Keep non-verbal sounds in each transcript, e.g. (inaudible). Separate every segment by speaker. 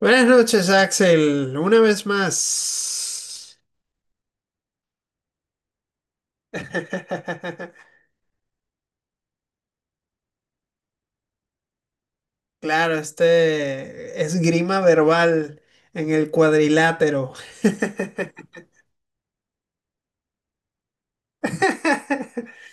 Speaker 1: Buenas noches, Axel. Una vez más. (laughs) Claro, este esgrima verbal en el cuadrilátero. (laughs)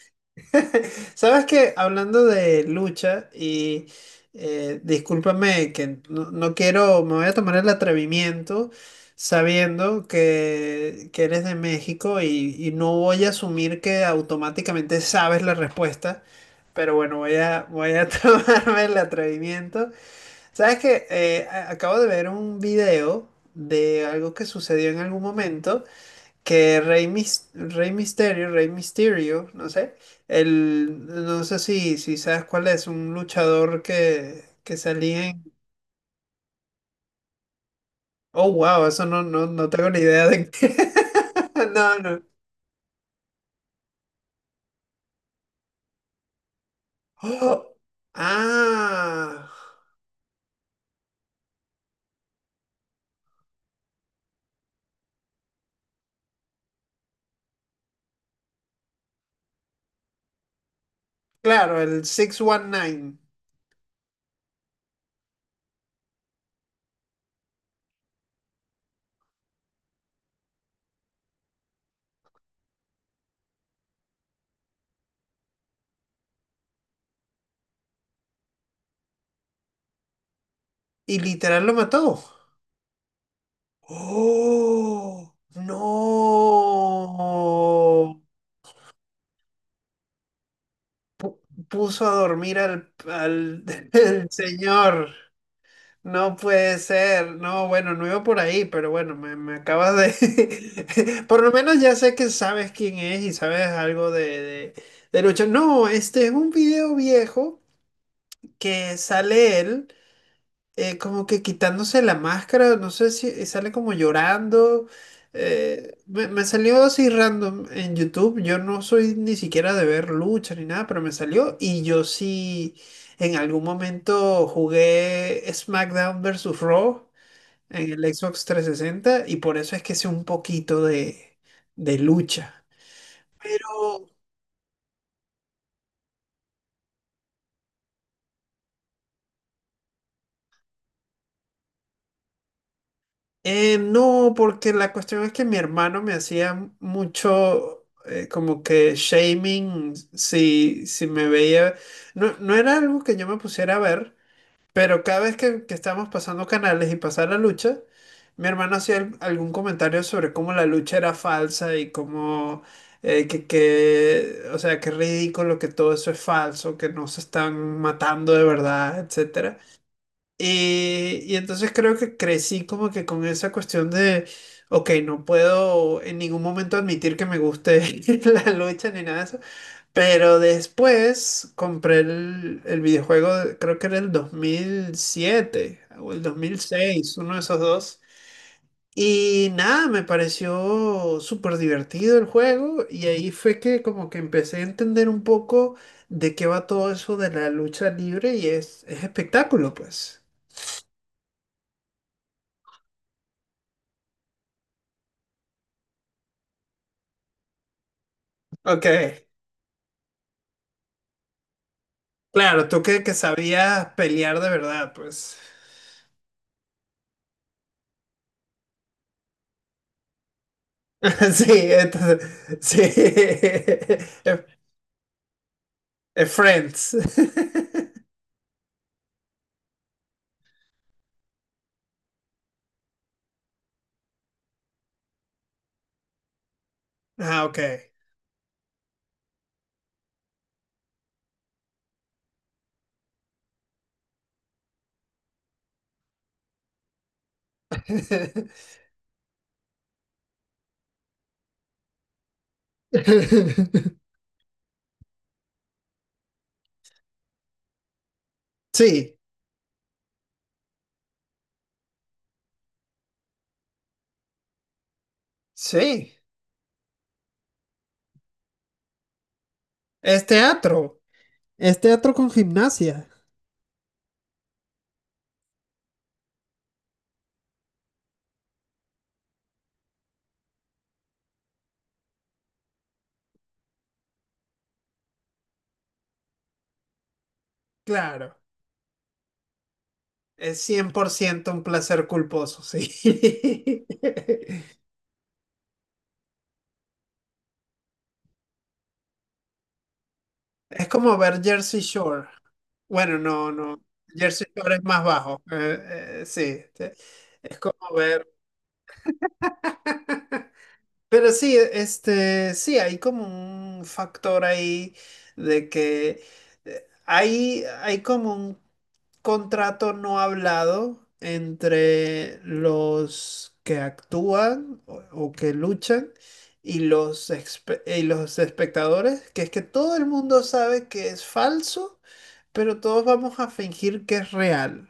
Speaker 1: Sabes que hablando de lucha, y discúlpame que no, no quiero, me voy a tomar el atrevimiento sabiendo que eres de México y no voy a asumir que automáticamente sabes la respuesta. Pero bueno, voy a (laughs) tomarme el atrevimiento. ¿Sabes qué? Acabo de ver un video de algo que sucedió en algún momento que Rey Mysterio, no sé, no sé si, sabes cuál es, un luchador que salía en... Oh, wow, eso no, no, no tengo ni idea de qué. (laughs) No, no. Oh, ah, claro, el 619. Y literal lo mató. ¡Oh! ¡No! Puso a dormir al, al (laughs) el señor. No puede ser. No, bueno, no iba por ahí, pero bueno, me acabas de... (laughs) Por lo menos ya sé que sabes quién es y sabes algo de, lucha. No, este es un video viejo que sale él. Como que quitándose la máscara, no sé si sale como llorando. Me salió así random en YouTube. Yo no soy ni siquiera de ver lucha ni nada, pero me salió. Y yo sí en algún momento jugué SmackDown versus Raw en el Xbox 360 y por eso es que sé un poquito de lucha. No, porque la cuestión es que mi hermano me hacía mucho como que shaming si me veía. No, no era algo que yo me pusiera a ver, pero cada vez que estábamos pasando canales y pasaba la lucha, mi hermano hacía algún comentario sobre cómo la lucha era falsa y cómo o sea, qué ridículo que todo eso es falso, que no se están matando de verdad, etcétera y entonces creo que crecí como que con esa cuestión de, ok, no puedo en ningún momento admitir que me guste (laughs) la lucha ni nada de eso. Pero después compré el videojuego, creo que era el 2007 o el 2006 uno de esos dos. Y nada, me pareció súper divertido el juego y ahí fue que como que empecé a entender un poco de qué va todo eso de la lucha libre y es espectáculo, pues. Ok. Claro, tú que, sabías pelear de verdad, pues. (laughs) Sí, entonces, sí. (laughs) Eh, Friends. (laughs) Ah, ok. (laughs) Sí, sí. Es teatro. Es teatro con gimnasia. Claro, es 100% un placer culposo, sí. (laughs) Es como ver Jersey Shore. Bueno, no, no. Jersey Shore es más bajo. Sí, sí. es como ver Pero sí, este, sí, hay como un factor ahí de que hay como un contrato no hablado entre los que actúan o que luchan y y los espectadores, que es que todo el mundo sabe que es falso, pero todos vamos a fingir que es real.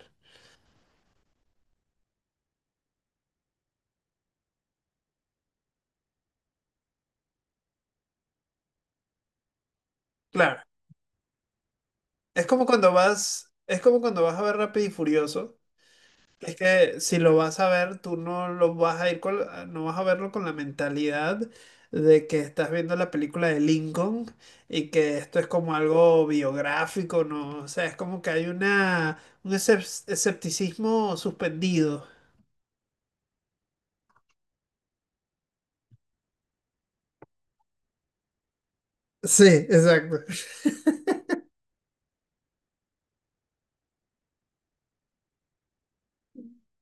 Speaker 1: Claro, es como cuando vas a ver Rápido y Furioso. Es que si lo vas a ver, tú no lo vas a ir con, ah, no vas a verlo con la mentalidad de que estás viendo la película de Lincoln y que esto es como algo biográfico, ¿no? O sea, es como que hay una, un escepticismo suspendido. Sí, exacto.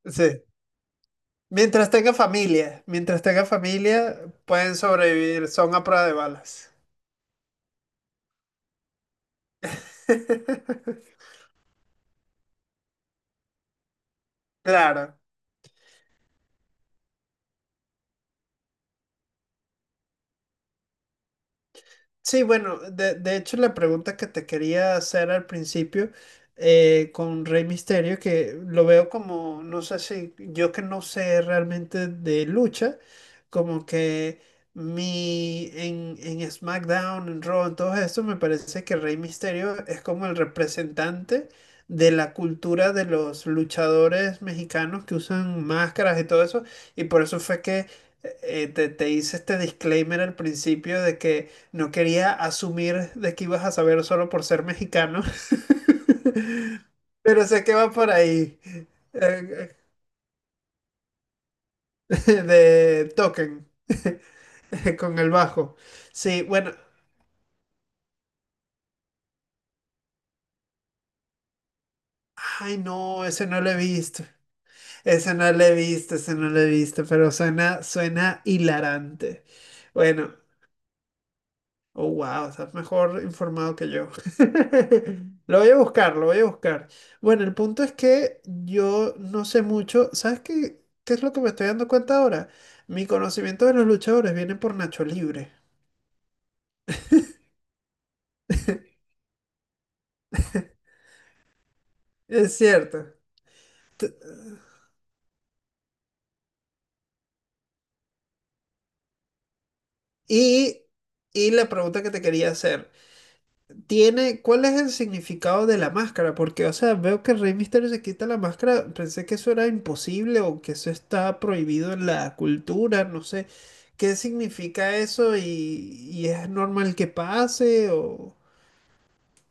Speaker 1: Sí. Mientras tenga familia, pueden sobrevivir, son a prueba de balas. (laughs) Claro. Sí, bueno, de hecho la pregunta que te quería hacer al principio con Rey Misterio, que lo veo como, no sé si yo que no sé realmente de lucha, como que mi en SmackDown, en Raw, en todo esto, me parece que Rey Misterio es como el representante de la cultura de los luchadores mexicanos que usan máscaras y todo eso, y por eso fue que te hice este disclaimer al principio de que no quería asumir de que ibas a saber solo por ser mexicano, (laughs) pero sé que va por ahí, eh, (laughs) de Token, (laughs) con el bajo. Sí, bueno, ay no, ese no lo he visto, ese no lo he visto, ese no lo he visto, pero suena hilarante. Bueno, oh, wow, estás mejor informado que yo. (laughs) Lo voy a buscar, lo voy a buscar. Bueno, el punto es que yo no sé mucho. ¿Sabes qué es lo que me estoy dando cuenta ahora? Mi conocimiento de los luchadores viene por Nacho Libre. Es cierto. T- Y, y la pregunta que te quería hacer. ¿Cuál es el significado de la máscara? Porque, o sea, veo que Rey Misterio se quita la máscara, pensé que eso era imposible o que eso está prohibido en la cultura, no sé. ¿Qué significa eso y es normal que pase? O...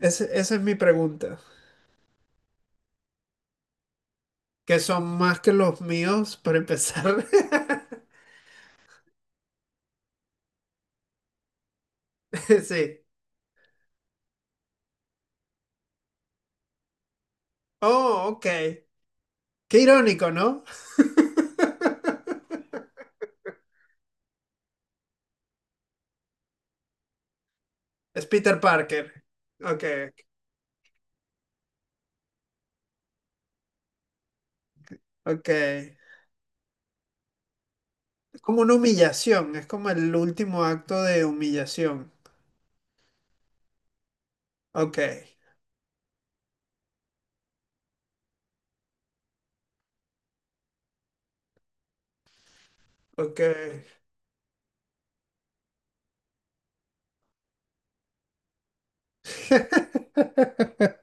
Speaker 1: Esa es mi pregunta, que son más que los míos para empezar. (laughs) Sí. Oh, ok. Qué irónico, ¿no? (laughs) Es Peter Parker. Ok, ok. Como una humillación, es como el último acto de humillación. Ok, ok. (laughs)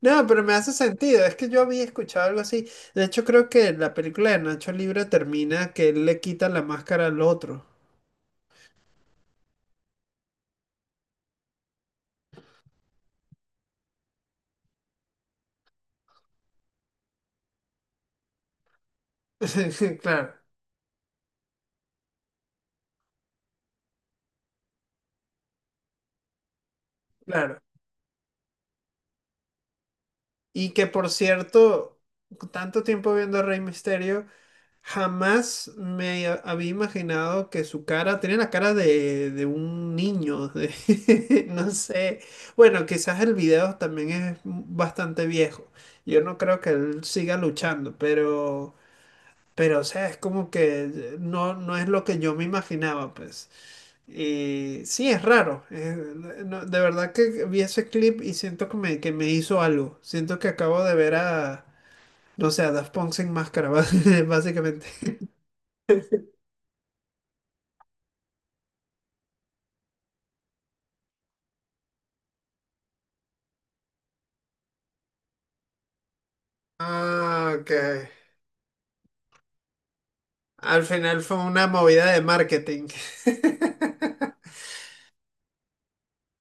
Speaker 1: No, pero me hace sentido, es que yo había escuchado algo así. De hecho, creo que la película de Nacho Libre termina que él le quita la máscara al otro. (laughs) Claro, claro. Y que por cierto, tanto tiempo viendo a Rey Misterio. Jamás me había imaginado que su cara tenía la cara de, un niño, (laughs) no sé. Bueno, quizás el video también es bastante viejo. Yo no creo que él siga luchando, pero o sea, es como que no, no es lo que yo me imaginaba, pues. Y sí, es raro. No, de verdad que vi ese clip y siento que me hizo algo. Siento que acabo de ver a, no sé, a Daft Punk sin máscara, (laughs) básicamente. Ah, ok. Al final fue una movida de marketing. (laughs)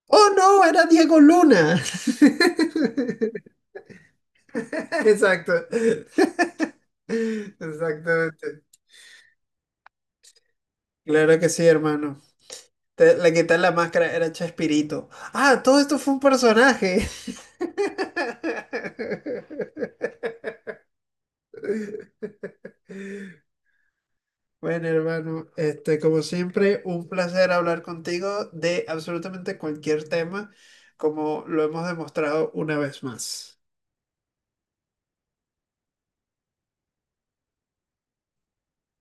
Speaker 1: ¡Oh, no! Era Diego Luna. (laughs) Exacto. Exactamente. Claro que sí, hermano. Le quitas la máscara, era Chespirito. Ah, todo esto fue un personaje. (laughs) Bueno, hermano, este, como siempre, un placer hablar contigo de absolutamente cualquier tema, como lo hemos demostrado una vez más.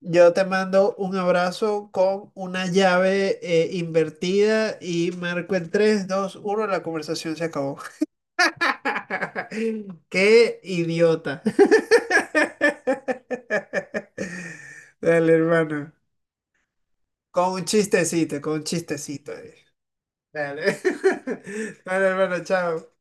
Speaker 1: Yo te mando un abrazo con una llave invertida y marco el 3, 2, 1 la conversación se acabó. (laughs) ¡Qué idiota! (laughs) Dale, hermano. Con un chistecito, con un chistecito. Dale. (laughs) Dale, hermano, chao.